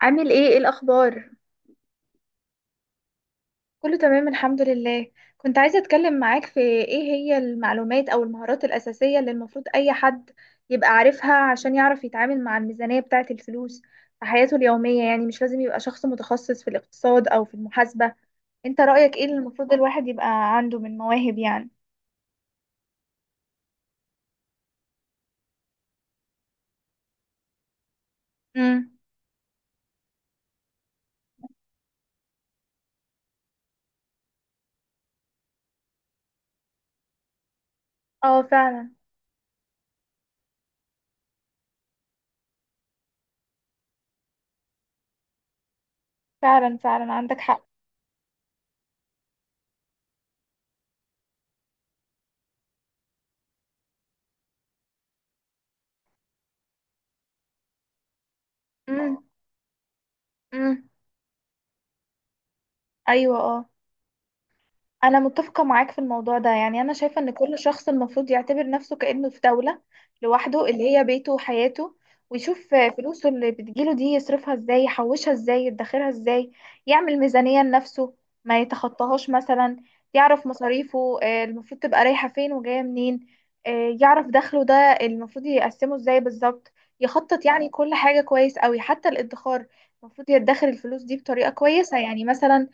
عامل ايه؟ ايه الاخبار؟ كله تمام الحمد لله. كنت عايزة اتكلم معاك في ايه هي المعلومات او المهارات الاساسية اللي المفروض اي حد يبقى عارفها عشان يعرف يتعامل مع الميزانية بتاعة الفلوس في حياته اليومية. يعني مش لازم يبقى شخص متخصص في الاقتصاد او في المحاسبة. انت رأيك ايه اللي المفروض الواحد يبقى عنده من مواهب يعني؟ امم. اه فعلا. فعلا فعلا عندك حق. امم. امم. ايوه اه. أنا متفقة معاك في الموضوع ده، يعني أنا شايفة إن كل شخص المفروض يعتبر نفسه كأنه في دولة لوحده اللي هي بيته وحياته، ويشوف فلوسه اللي بتجيله دي يصرفها إزاي، يحوشها إزاي، يدخرها إزاي، يعمل ميزانية لنفسه ما يتخطاهاش مثلا. يعرف مصاريفه المفروض تبقى رايحة فين وجاية منين. يعرف دخله ده المفروض يقسمه إزاي بالظبط، يخطط يعني كل حاجة كويس أوي حتى الادخار. المفروض يدخر الفلوس دي بطريقة كويسة، يعني مثلا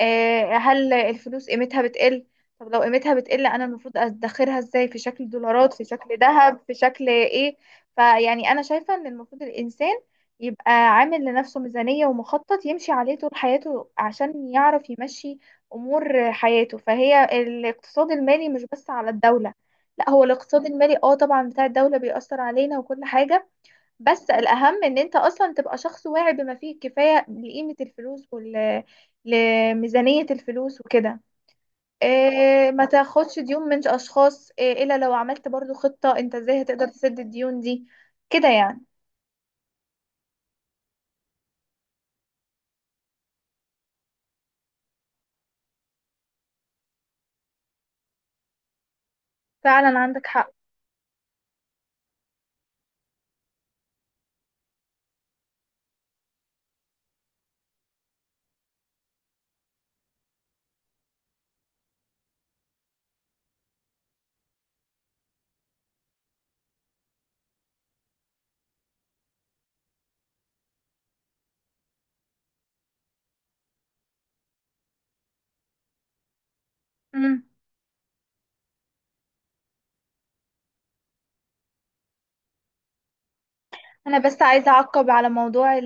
هل الفلوس قيمتها بتقل؟ طب لو قيمتها بتقل انا المفروض ادخرها ازاي؟ في شكل دولارات؟ في شكل ذهب؟ في شكل ايه؟ فيعني انا شايفة ان المفروض الانسان يبقى عامل لنفسه ميزانية ومخطط يمشي عليه طول حياته عشان يعرف يمشي امور حياته. فهي الاقتصاد المالي مش بس على الدولة، لا هو الاقتصاد المالي اه طبعا بتاع الدولة بيأثر علينا وكل حاجة. بس الأهم إن أنت أصلا تبقى شخص واعي بما فيه الكفاية لقيمة الفلوس وال لميزانية الفلوس وكده. إيه، ما تاخدش ديون من أشخاص، إيه، إلا لو عملت برضو خطة أنت إزاي هتقدر تسد الديون دي. كده يعني. فعلا عندك حق. مم. أنا بس عايزة أعقب على موضوع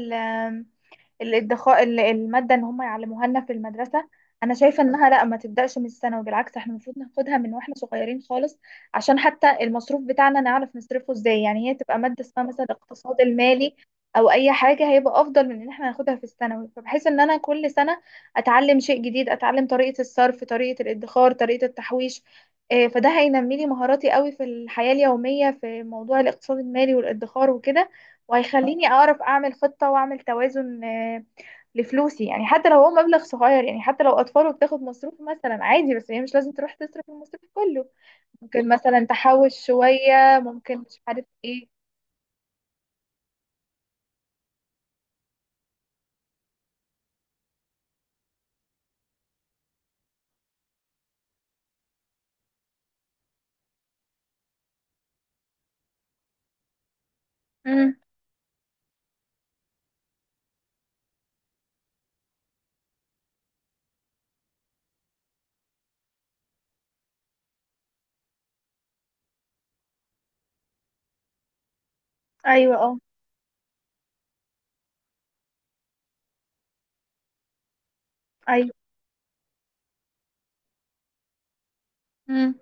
الادخاء، المادة ان هم يعلموها لنا في المدرسة. انا شايفة انها لا، ما تبدأش من الثانوي، بالعكس احنا المفروض ناخدها من واحنا صغيرين خالص، عشان حتى المصروف بتاعنا نعرف نصرفه ازاي. يعني هي تبقى مادة اسمها مثلا الاقتصاد المالي او اي حاجة، هيبقى افضل من ان احنا ناخدها في الثانوي، فبحيث ان انا كل سنة اتعلم شيء جديد، اتعلم طريقة الصرف، طريقة الادخار، طريقة التحويش. إيه، فده هينمي لي مهاراتي قوي في الحياة اليومية في موضوع الاقتصاد المالي والادخار وكده، وهيخليني اعرف اعمل خطة واعمل توازن لفلوسي. يعني حتى لو هو مبلغ صغير، يعني حتى لو اطفال وبتاخد مصروف مثلا عادي، بس هي مش لازم تروح تصرف المصروف كله، ممكن مثلا تحوش شوية، ممكن مش عارف ايه. امم. ايوه اه. ايوه. امم.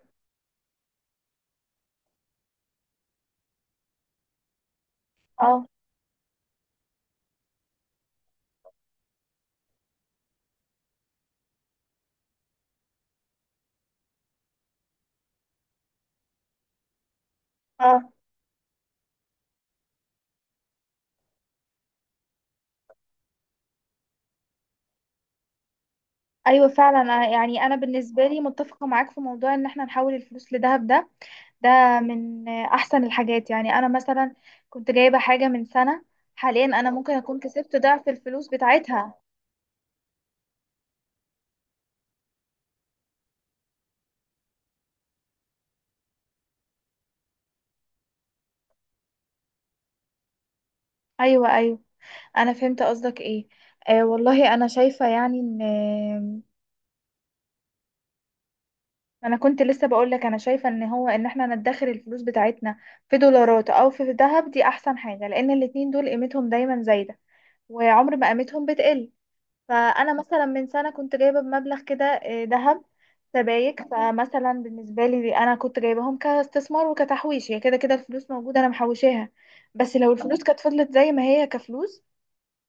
اه. اه. ايوه فعلا. يعني انا بالنسبه لي متفقه معاك في موضوع ان احنا نحول الفلوس لذهب، ده ده من احسن الحاجات. يعني انا مثلا كنت جايبه حاجه من سنه، حاليا انا ممكن اكون كسبت ضعف الفلوس بتاعتها. ايوه ايوه، انا فهمت قصدك ايه. آه والله انا شايفه يعني ان آه، انا كنت لسه بقول لك انا شايفه ان هو ان احنا ندخر الفلوس بتاعتنا في دولارات او في ذهب، دي احسن حاجه، لان الاتنين دول قيمتهم دايما زايده وعمر ما قيمتهم بتقل. فانا مثلا من سنه كنت جايبه بمبلغ كده ذهب سبايك. فمثلا بالنسبه لي انا كنت جايباهم كاستثمار وكتحويش، هي كده كده الفلوس موجوده انا محوشاها، بس لو الفلوس كانت فضلت زي ما هي كفلوس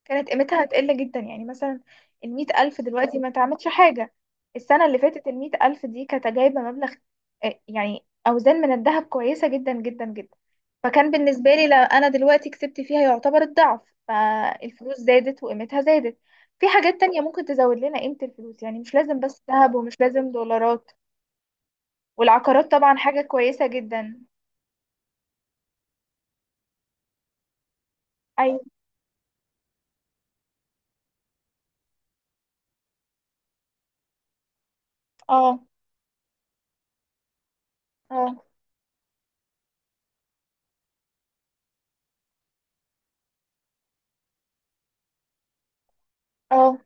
كانت قيمتها هتقل جدا. يعني مثلا 100,000 دلوقتي ما اتعملش حاجة، السنة اللي فاتت 100,000 دي كانت جايبة مبلغ يعني أوزان من الذهب كويسة جدا جدا جدا. فكان بالنسبة لي لا، أنا دلوقتي كسبت فيها يعتبر الضعف، فالفلوس زادت وقيمتها زادت. في حاجات تانية ممكن تزود لنا قيمة الفلوس، يعني مش لازم بس ذهب ومش لازم دولارات. والعقارات طبعا حاجة كويسة جدا. أيوة. اه. اه. اه.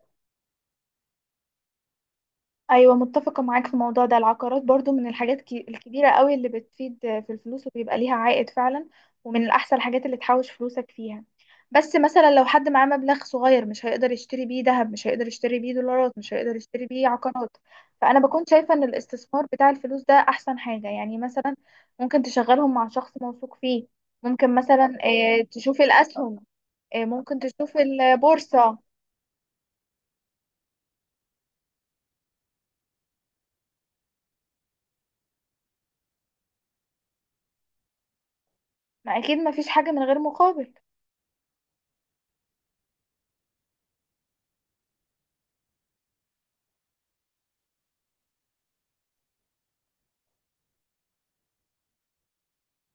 ايوه متفقه معاك في الموضوع ده، العقارات برضو من الحاجات الكبيره قوي اللي بتفيد في الفلوس وبيبقى ليها عائد فعلا، ومن الاحسن الحاجات اللي تحوش فلوسك فيها. بس مثلا لو حد معاه مبلغ صغير مش هيقدر يشتري بيه ذهب، مش هيقدر يشتري بيه دولارات، مش هيقدر يشتري بيه عقارات. فانا بكون شايفه ان الاستثمار بتاع الفلوس ده احسن حاجه، يعني مثلا ممكن تشغلهم مع شخص موثوق فيه، ممكن مثلا تشوف الاسهم، ممكن تشوف البورصه. ما اكيد ما فيش حاجه من غير مقابل.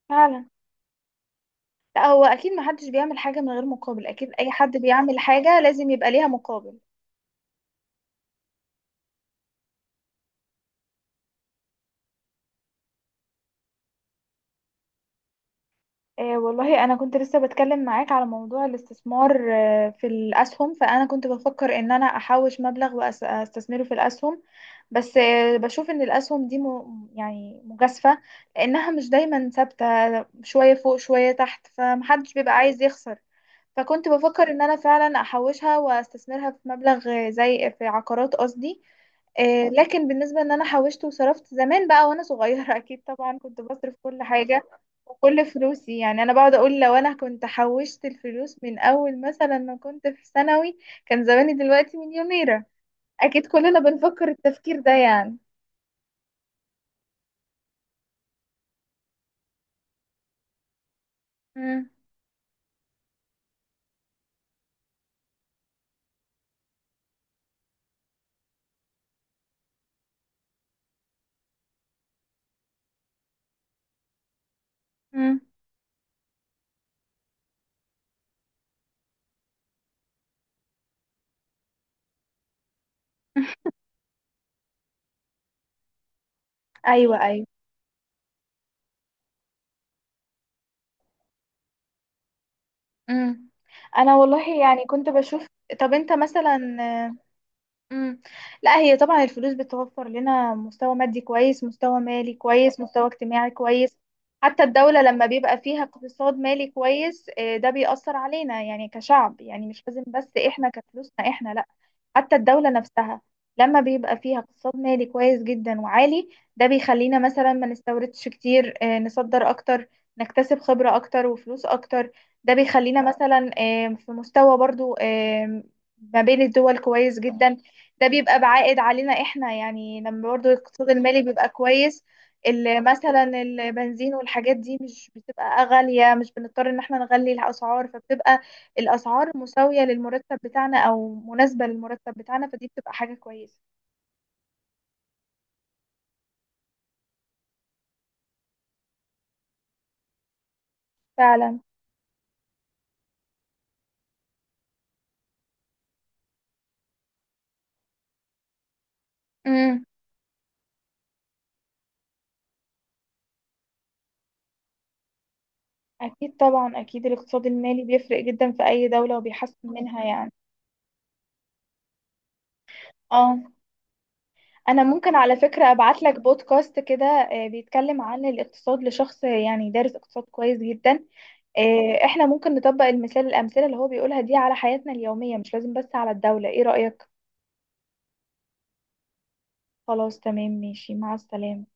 فعلا، لا هو اكيد محدش بيعمل حاجه من غير مقابل، اكيد اي حد بيعمل حاجه لازم يبقى ليها مقابل. آه والله انا كنت لسه بتكلم معاك على موضوع الاستثمار في الاسهم، فانا كنت بفكر ان انا احوش مبلغ واستثمره في الاسهم، بس بشوف ان الاسهم دي يعني مجازفه، لانها مش دايما ثابته، شويه فوق شويه تحت، فمحدش بيبقى عايز يخسر. فكنت بفكر ان انا فعلا احوشها واستثمرها في مبلغ زي في عقارات قصدي. لكن بالنسبة ان انا حوشت وصرفت زمان بقى وانا صغيرة اكيد طبعا كنت بصرف كل حاجة وكل فلوسي. يعني انا بقعد اقول لو انا كنت حوشت الفلوس من اول مثلا ما كنت في ثانوي كان زماني دلوقتي مليونيرة. اكيد كلنا بنفكر التفكير ده يعني. مم. مم. ايوه ايوه. مم. انا والله يعني كنت بشوف. طب انت مثلا. مم. لا هي طبعا الفلوس بتوفر لنا مستوى مادي كويس، مستوى مالي كويس، مستوى اجتماعي كويس. حتى الدولة لما بيبقى فيها اقتصاد مالي كويس ده بيأثر علينا، يعني كشعب، يعني مش لازم بس احنا كفلوسنا احنا، لا حتى الدولة نفسها لما بيبقى فيها اقتصاد مالي كويس جدا وعالي، ده بيخلينا مثلا ما نستوردش كتير نصدر اكتر، نكتسب خبرة اكتر وفلوس اكتر. ده بيخلينا مثلا في مستوى برضو ما بين الدول كويس جدا. ده بيبقى بعائد علينا احنا، يعني لما برضو الاقتصاد المالي بيبقى كويس مثلا البنزين والحاجات دي مش بتبقى غالية، مش بنضطر ان احنا نغلي الاسعار، فبتبقى الاسعار مساوية للمرتب بتاعنا او مناسبة للمرتب بتاعنا، فدي بتبقى حاجة كويسة. فعلا. امم. اكيد طبعا، اكيد الاقتصاد المالي بيفرق جدا في اي دولة وبيحسن منها يعني. اه، انا ممكن على فكرة ابعت لك بودكاست كده بيتكلم عن الاقتصاد لشخص يعني دارس اقتصاد كويس جدا. احنا ممكن نطبق المثال، الأمثلة اللي هو بيقولها دي على حياتنا اليومية، مش لازم بس على الدولة. ايه رأيك؟ خلاص تمام، ماشي، مع السلامة.